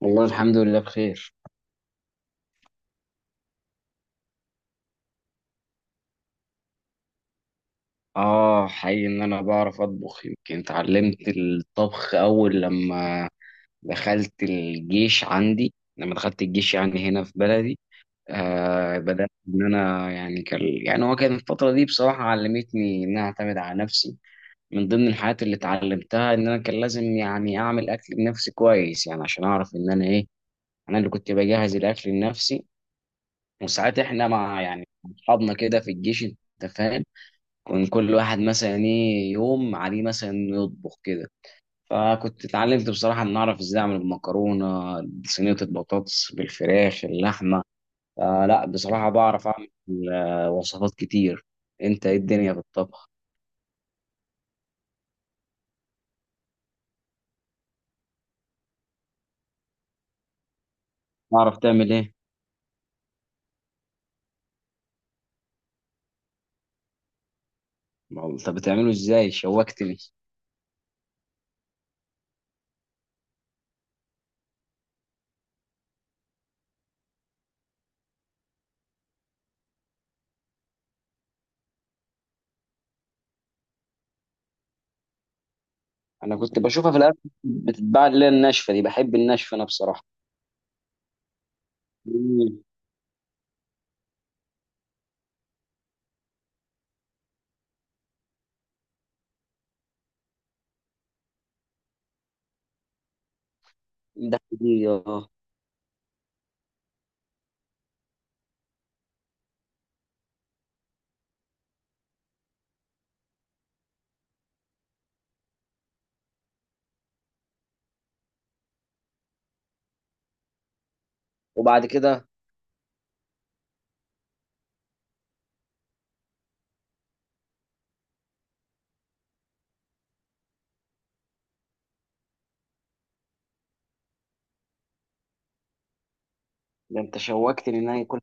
والله الحمد لله بخير. اه، حقيقي ان انا بعرف اطبخ. يمكن اتعلمت الطبخ اول لما دخلت الجيش، يعني هنا في بلدي. بدأت ان انا، يعني كان يعني هو كان الفترة دي بصراحة علمتني ان انا اعتمد على نفسي. من ضمن الحاجات اللي اتعلمتها ان انا كان لازم يعني اعمل اكل لنفسي كويس، يعني عشان اعرف ان انا انا اللي كنت بجهز الاكل لنفسي. وساعات احنا مع، يعني، اصحابنا كده في الجيش، انت فاهم، كان كل واحد مثلا يوم عليه مثلا إنه يطبخ كده. فكنت اتعلمت بصراحة ان اعرف ازاي اعمل المكرونة، صينية البطاطس بالفراخ، اللحمة. فلا، بصراحة بعرف اعمل وصفات كتير. انت ايه الدنيا في الطبخ؟ بعرف تعمل ايه؟ ما هو انت بتعمله ازاي؟ شوقتني. انا كنت بشوفها في الاكل بتتباع، اللي هي الناشفة دي. بحب الناشفة انا بصراحة. مم. دي. اه. وبعد كده. ده انت شوقتني ان انا اكل.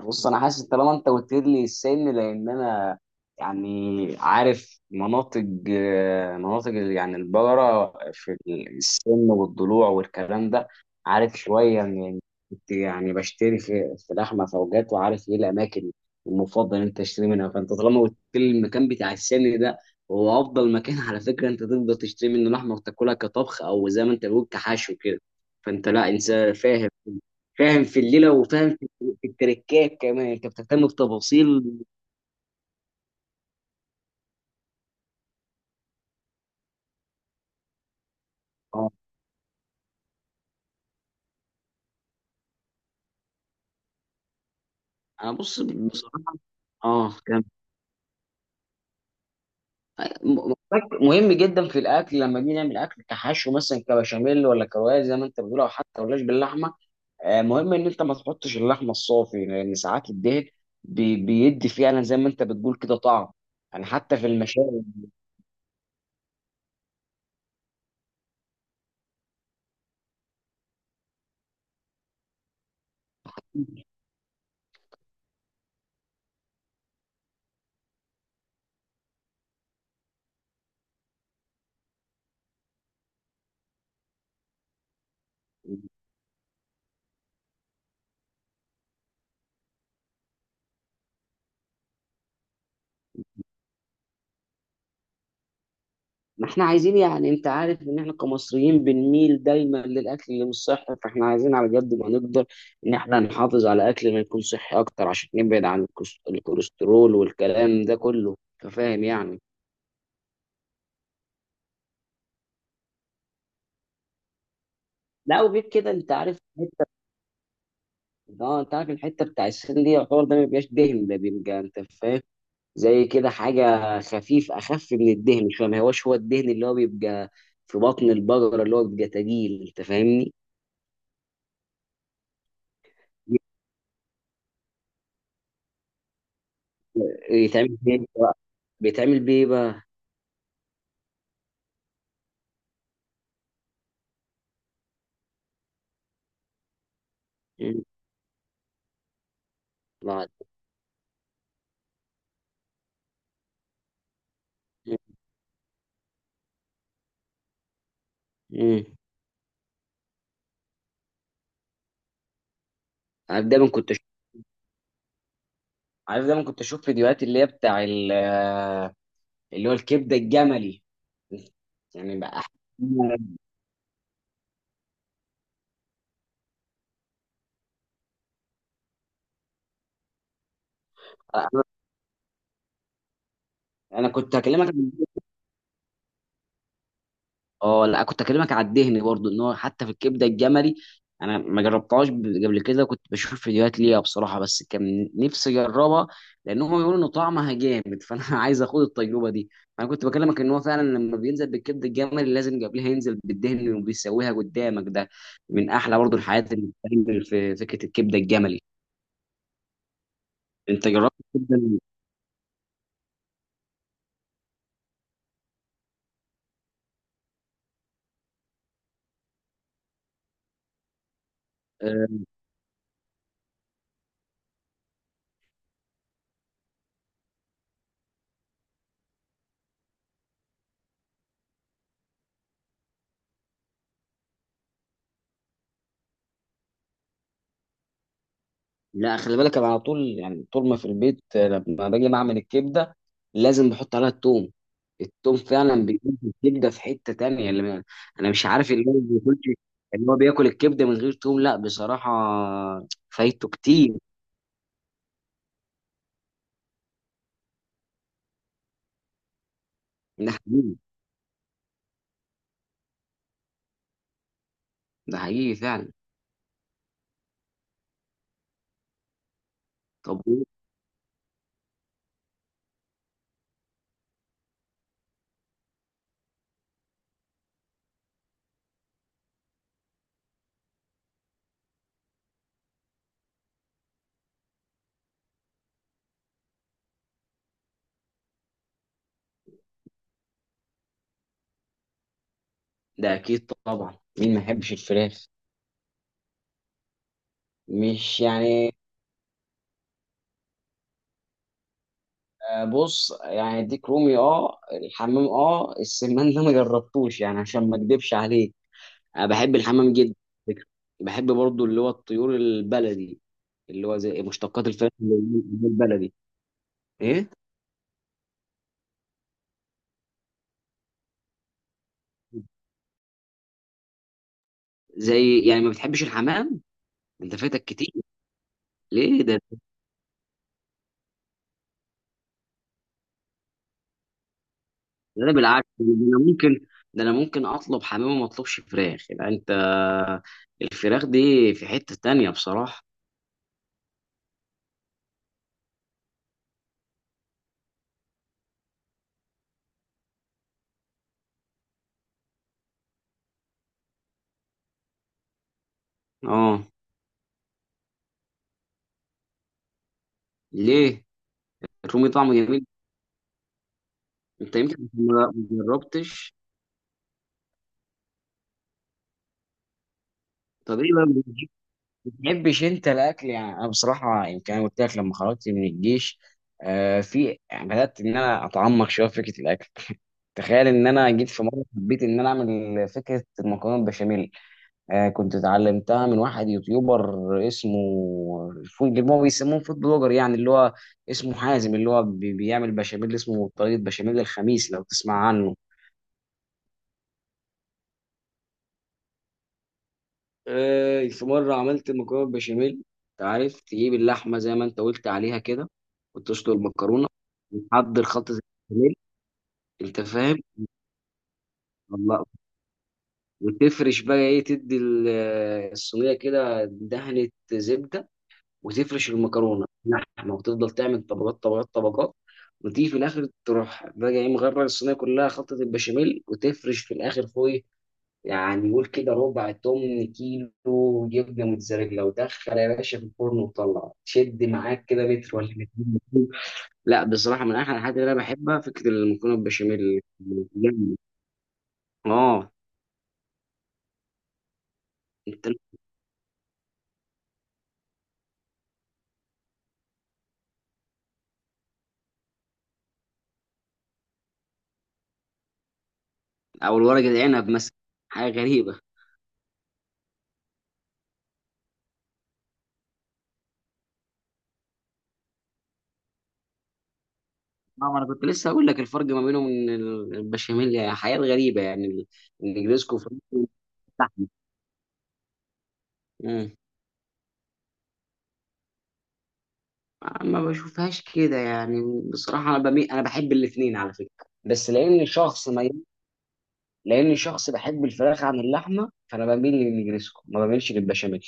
بص انا حاسس، طالما انت قلت لي السن، لان انا يعني عارف مناطق، مناطق يعني البقره في السن والضلوع والكلام ده. عارف شويه، من كنت يعني بشتري في لحمه فوجات، وعارف ايه الاماكن المفضل إن انت تشتري منها. فانت طالما قلت لي المكان بتاع السن ده هو افضل مكان على فكره. انت تقدر تشتري منه لحمه وتاكلها كطبخ، او زي ما انت بتقول، كحشو كده. فانت لا انسان فاهم، فاهم في الليله، وفاهم في التركات كمان، انت بتهتم بتفاصيل. اه، انا بص بصراحه. اه، كم. م- م- مهم جدا في الاكل لما بنيجي نعمل اكل كحشو، مثلا كبشاميل، ولا كروايه زي ما انت بتقول، او حتى ولاش باللحمه. مهم ان انت ما تحطش اللحمه الصافي، لان ساعات الدهن بيدي فعلا، زي ما انت بتقول كده، طعم. يعني حتى في المشاوي. ما احنا عايزين، يعني انت عارف ان احنا كمصريين بنميل دايما للاكل اللي مش صحي، فاحنا عايزين على قد ما نقدر ان احنا نحافظ على اكل ما يكون صحي اكتر، عشان نبعد عن الكوليسترول والكلام ده كله. انت فاهم يعني. لا، وغير كده انت عارف اه، انت عارف الحته بتاع السن دي، يعتبر ده ما بيبقاش دهن، ده بيبقى، انت فاهم، زي كده حاجه خفيف، اخف من الدهن شويه، ما هوش هو الدهن اللي هو بيبقى في بطن البقره اللي هو بيبقى تقيل، انت فاهمني. بيتعمل بيه بيتعمل بيه إيه بقى؟ ما امم عارف دايما كنت أشوف عارف دايما كنت اشوف فيديوهات اللي هي بتاع ال- اللي هو الكبده الجملي. يعني بقى- انا كنت هكلمك. اه لا، كنت اكلمك على الدهن برضو، ان هو حتى في الكبده الجملي انا ما جربتهاش قبل كده. كنت بشوف فيديوهات ليها بصراحه، بس كان نفسي اجربها، لان هم بيقولوا ان طعمها جامد فانا عايز اخد التجربه دي. انا كنت بكلمك ان هو فعلا لما بينزل بالكبده الجملي لازم قبلها ينزل بالدهن، وبيسويها قدامك ده من احلى برضو الحاجات اللي بتتعمل في فكره الكبده الجملي. انت جربت الكبده؟ لا، خلي بالك، انا على طول يعني طول ما في البيت لما باجي بعمل الكبده لازم بحط عليها التوم. التوم فعلا بيجيب الكبده في حته تانية اللي انا مش عارف، اللي هو بياكل الكبده من غير توم لا بصراحه، فايته كتير. ده حقيقي. ده حقيقي فعلا. طب إيه؟ ده اكيد طبعا، مين ما يحبش الفراخ؟ مش يعني. بص يعني، ديك رومي، الحمام، السمان ده ما جربتوش يعني، عشان ما اكدبش عليك. انا بحب الحمام جدا على فكرة. بحب برضو اللي هو الطيور البلدي، اللي هو زي مشتقات الفراخ اللي هي البلدي. ايه؟ زي يعني ما بتحبش الحمام. انت فاتك كتير. ليه ده؟ ده انا بالعكس. انا ممكن ده انا ممكن اطلب حمام وما اطلبش فراخ. يبقى انت الفراخ دي في حتة تانية بصراحة. اه، ليه؟ الرومي طعمه جميل. انت يمكن ما جربتش. طب ايه بقى؟ بتحبش انت الاكل؟ يعني انا بصراحه، يمكن انا قلت لك، لما خرجت من الجيش في يعني بدات ان انا اتعمق شويه في فكره الاكل. تخيل ان انا جيت في مره حبيت ان انا اعمل فكره المكرونه البشاميل. كنت اتعلمتها من واحد يوتيوبر، اسمه فود، اللي هو بيسموه فود بلوجر يعني، اللي هو اسمه حازم، اللي هو بيعمل بشاميل، اسمه طريقه بشاميل الخميس، لو تسمع عنه. في مرة عملت مكرونة بشاميل. انت عارف تجيب اللحمة زي ما انت قلت عليها كده، وتسلق المكرونة، وتحضر خلطة البشاميل. انت فاهم. الله. وتفرش بقى ايه، تدي الصينية كده دهنة زبدة، وتفرش المكرونة، لحمة، وتفضل تعمل طبقات طبقات طبقات. وتيجي في الاخر تروح بقى ايه، مغرق الصينية كلها خلطة البشاميل، وتفرش في الاخر فوق. يعني قول كده ربع تمن كيلو يبقى موتزاريلا، ودخل يا باشا في الفرن وطلع، شد معاك كده متر ولا مترين. لا بصراحه، من احلى الحاجات اللي انا بحبها فكره المكرونه بالبشاميل. جامد. اه. انت. او الورق العنب مثلا، حاجه غريبه. اه، ما انا كنت لسه هقول لك الفرق ما بينهم، ان البشاميل يعني حاجات غريبه يعني النجريسكو فرنسي واللحمة. امم. ما بشوفهاش كده يعني، بصراحه انا بحب الاثنين على فكره، بس لان شخص ما، لاني شخص بحب الفراخ عن اللحمه فانا بميل للنجريسكو ما بميلش للبشاميل.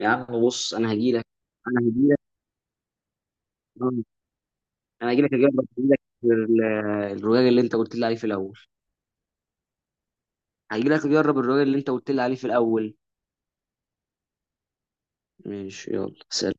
يا عم بص. انا هجي لك. آه، انا هجي لك اجرب، الرواية اللي انت قلت لي عليه في الاول. هجي لك اجرب الرواية اللي انت قلت لي عليه في الاول. ماشي، يلا، سلام.